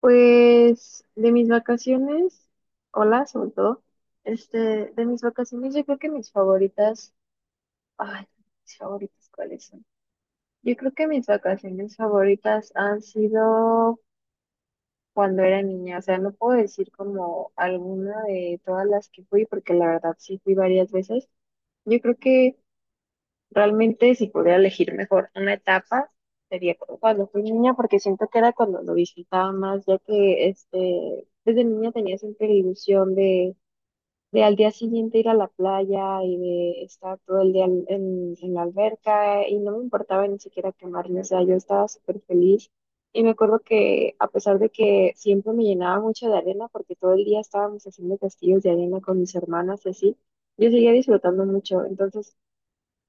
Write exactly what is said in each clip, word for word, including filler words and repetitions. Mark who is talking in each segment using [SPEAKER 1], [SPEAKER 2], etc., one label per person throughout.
[SPEAKER 1] Pues de mis vacaciones, hola, sobre todo, este, de mis vacaciones yo creo que mis favoritas, ay, mis favoritas, ¿cuáles son? Yo creo que mis vacaciones favoritas han sido cuando era niña, o sea, no puedo decir como alguna de todas las que fui, porque la verdad sí fui varias veces. Yo creo que Realmente, si pudiera elegir mejor una etapa, sería cuando fui niña, porque siento que era cuando lo disfrutaba más, ya que este, desde niña tenía siempre la ilusión de, de al día siguiente ir a la playa y de estar todo el día en, en- en la alberca y no me importaba ni siquiera quemarme, o sea, yo estaba súper feliz. Y me acuerdo que a pesar de que siempre me llenaba mucho de arena, porque todo el día estábamos haciendo castillos de arena con mis hermanas y así, yo seguía disfrutando mucho. Entonces,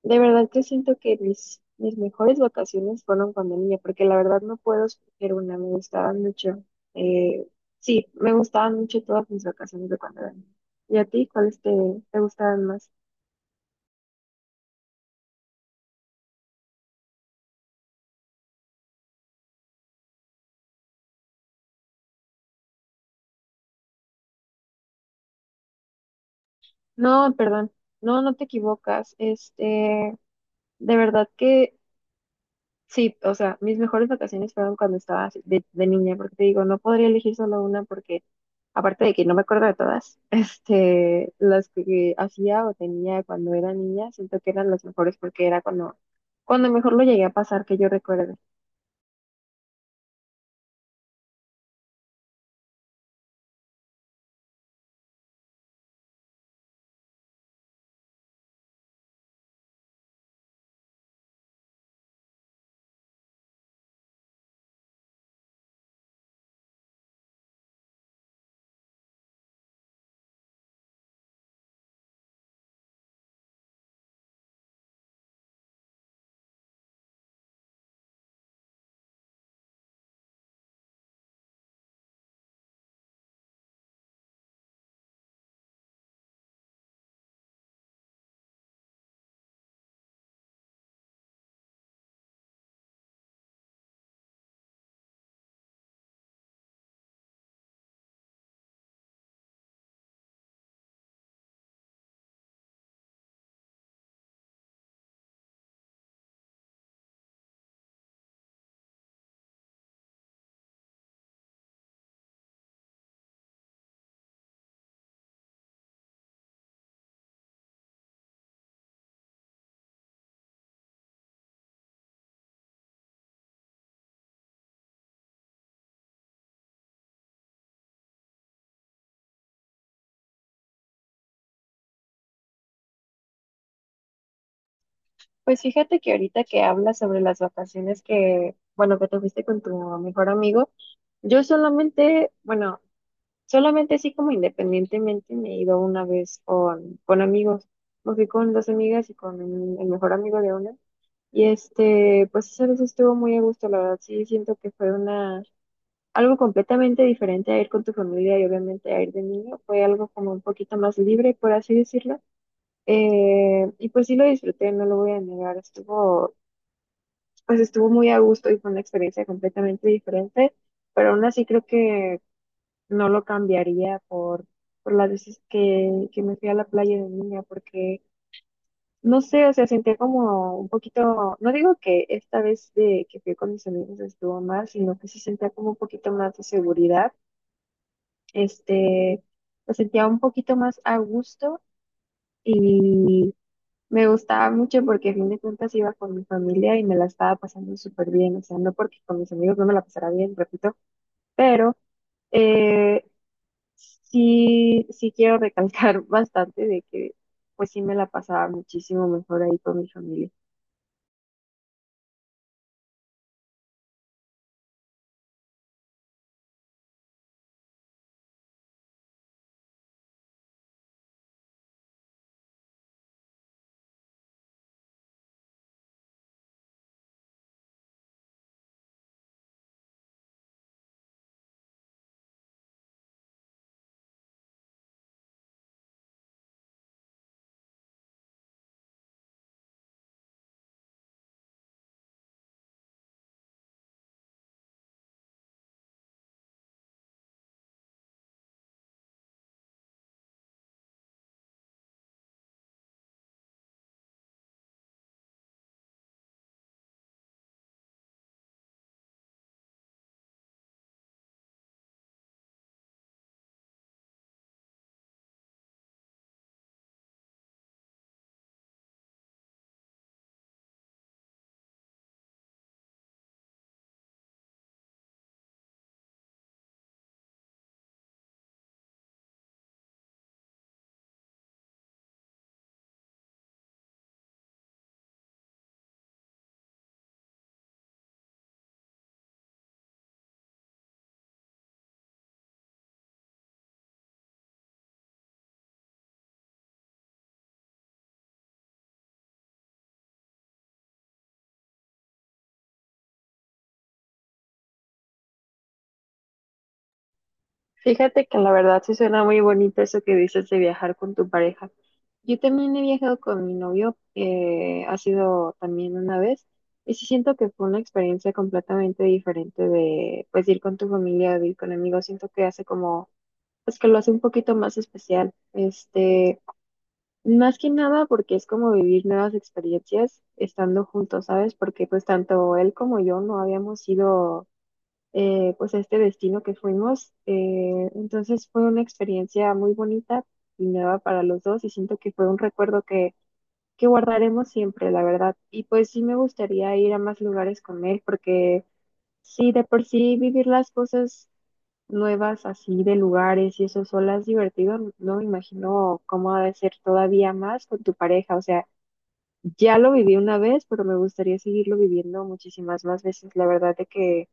[SPEAKER 1] de verdad que siento que mis, mis mejores vacaciones fueron cuando niña, porque la verdad no puedo escoger una, me gustaban mucho. Eh, sí, me gustaban mucho todas mis vacaciones de cuando era niña. ¿Y a ti cuáles te, te gustaban más? No, perdón, no, no te equivocas. Este, de verdad que Sí, o sea, mis mejores vacaciones fueron cuando estaba así de, de niña, porque te digo, no podría elegir solo una porque, aparte de que no me acuerdo de todas, este, las que hacía o tenía cuando era niña, siento que eran las mejores porque era cuando, cuando mejor lo llegué a pasar que yo recuerdo. Pues fíjate que ahorita que hablas sobre las vacaciones que, bueno, que te fuiste con tu mejor amigo, yo solamente, bueno, Solamente así como independientemente me he ido una vez con, con amigos. Me fui con dos amigas y con un- el mejor amigo de una. Y este, pues esa vez estuvo muy a gusto, la verdad. Sí, siento que fue una, algo completamente diferente a ir con tu familia y obviamente a ir de niño. Fue algo como un poquito más libre, por así decirlo. Eh, y pues sí lo disfruté, no lo voy a negar. Estuvo, pues estuvo muy a gusto y fue una experiencia completamente diferente. Pero aún así creo que no lo cambiaría por, por las veces que, que me fui a la playa de niña, porque no sé, o sea, sentía como un poquito, no digo que esta vez de que fui con mis amigos estuvo mal, sino que sí sentía como un poquito más de seguridad, este, me sentía un poquito más a gusto y me gustaba mucho porque a fin de cuentas iba con mi familia y me la estaba pasando súper bien, o sea, no porque con mis amigos no me la pasara bien, repito, pero... eh, sí, sí quiero recalcar bastante de que pues sí me la pasaba muchísimo mejor ahí con mi familia. Fíjate que la verdad sí suena muy bonito eso que dices de viajar con tu pareja. Yo también he viajado con mi novio, eh, ha sido también una vez, y sí siento que fue una experiencia completamente diferente de pues ir con tu familia, de ir con amigos, siento que hace como, pues que lo hace un poquito más especial. Este, más que nada porque es como vivir nuevas experiencias estando juntos, ¿sabes? Porque pues tanto él como yo no habíamos ido eh, pues a este destino que fuimos. Eh, entonces fue una experiencia muy bonita y nueva para los dos y siento que fue un recuerdo que, que guardaremos siempre, la verdad. Y pues sí me gustaría ir a más lugares con él porque sí, de por sí vivir las cosas nuevas así de lugares y eso solo has divertido, no me imagino cómo ha de ser todavía más con tu pareja. O sea, ya lo viví una vez, pero me gustaría seguirlo viviendo muchísimas más veces. La verdad de que,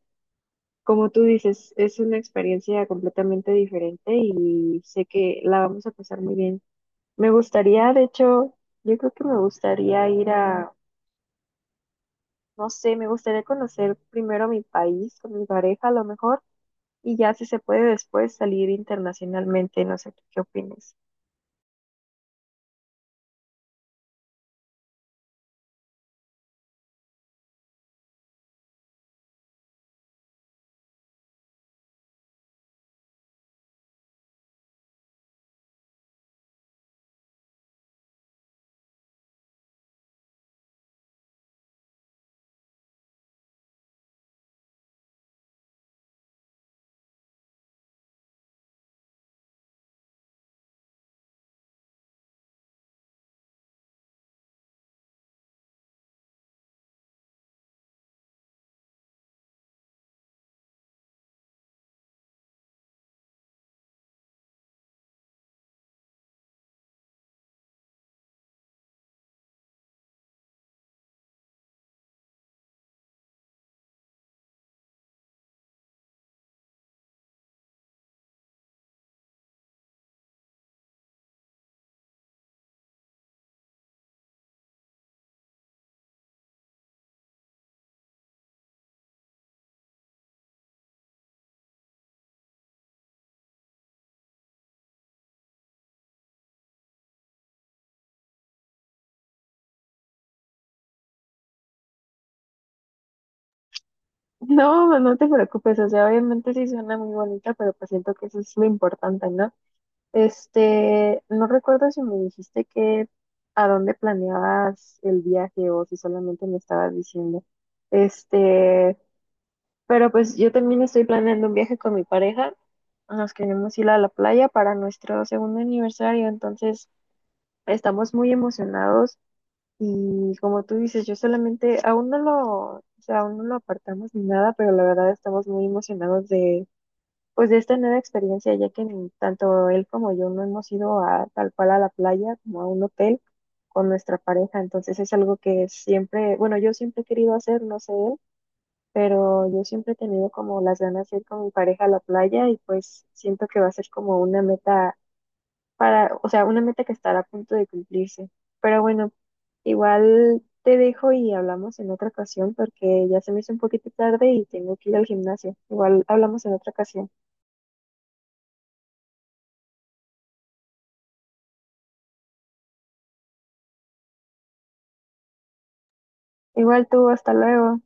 [SPEAKER 1] como tú dices, es una experiencia completamente diferente y sé que la vamos a pasar muy bien. Me gustaría, de hecho, yo creo que me gustaría ir a, no sé, me gustaría conocer primero mi país con mi pareja a lo mejor y ya si se puede después salir internacionalmente, no sé, ¿tú ¿qué opines? No, no te preocupes, o sea, obviamente sí suena muy bonita, pero pues siento que eso es lo importante, ¿no? Este, no recuerdo si me dijiste que a dónde planeabas el viaje o si solamente me estabas diciendo. Este, pero pues yo también estoy planeando un viaje con mi pareja. Nos queremos ir a la playa para nuestro segundo aniversario, entonces estamos muy emocionados. Y como tú dices, yo solamente, aún no lo, o sea, aún no lo apartamos ni nada, pero la verdad estamos muy emocionados de, pues, de esta nueva experiencia, ya que ni tanto él como yo no hemos ido a tal cual a la playa como a un hotel con nuestra pareja. Entonces es algo que siempre, bueno, yo siempre he querido hacer, no sé él, pero yo siempre he tenido como las ganas de ir con mi pareja a la playa y pues siento que va a ser como una meta para, o sea, una meta que estará a punto de cumplirse. Pero bueno, igual te dejo y hablamos en otra ocasión porque ya se me hizo un poquito tarde y tengo que ir al gimnasio. Igual hablamos en otra ocasión. Igual tú, hasta luego.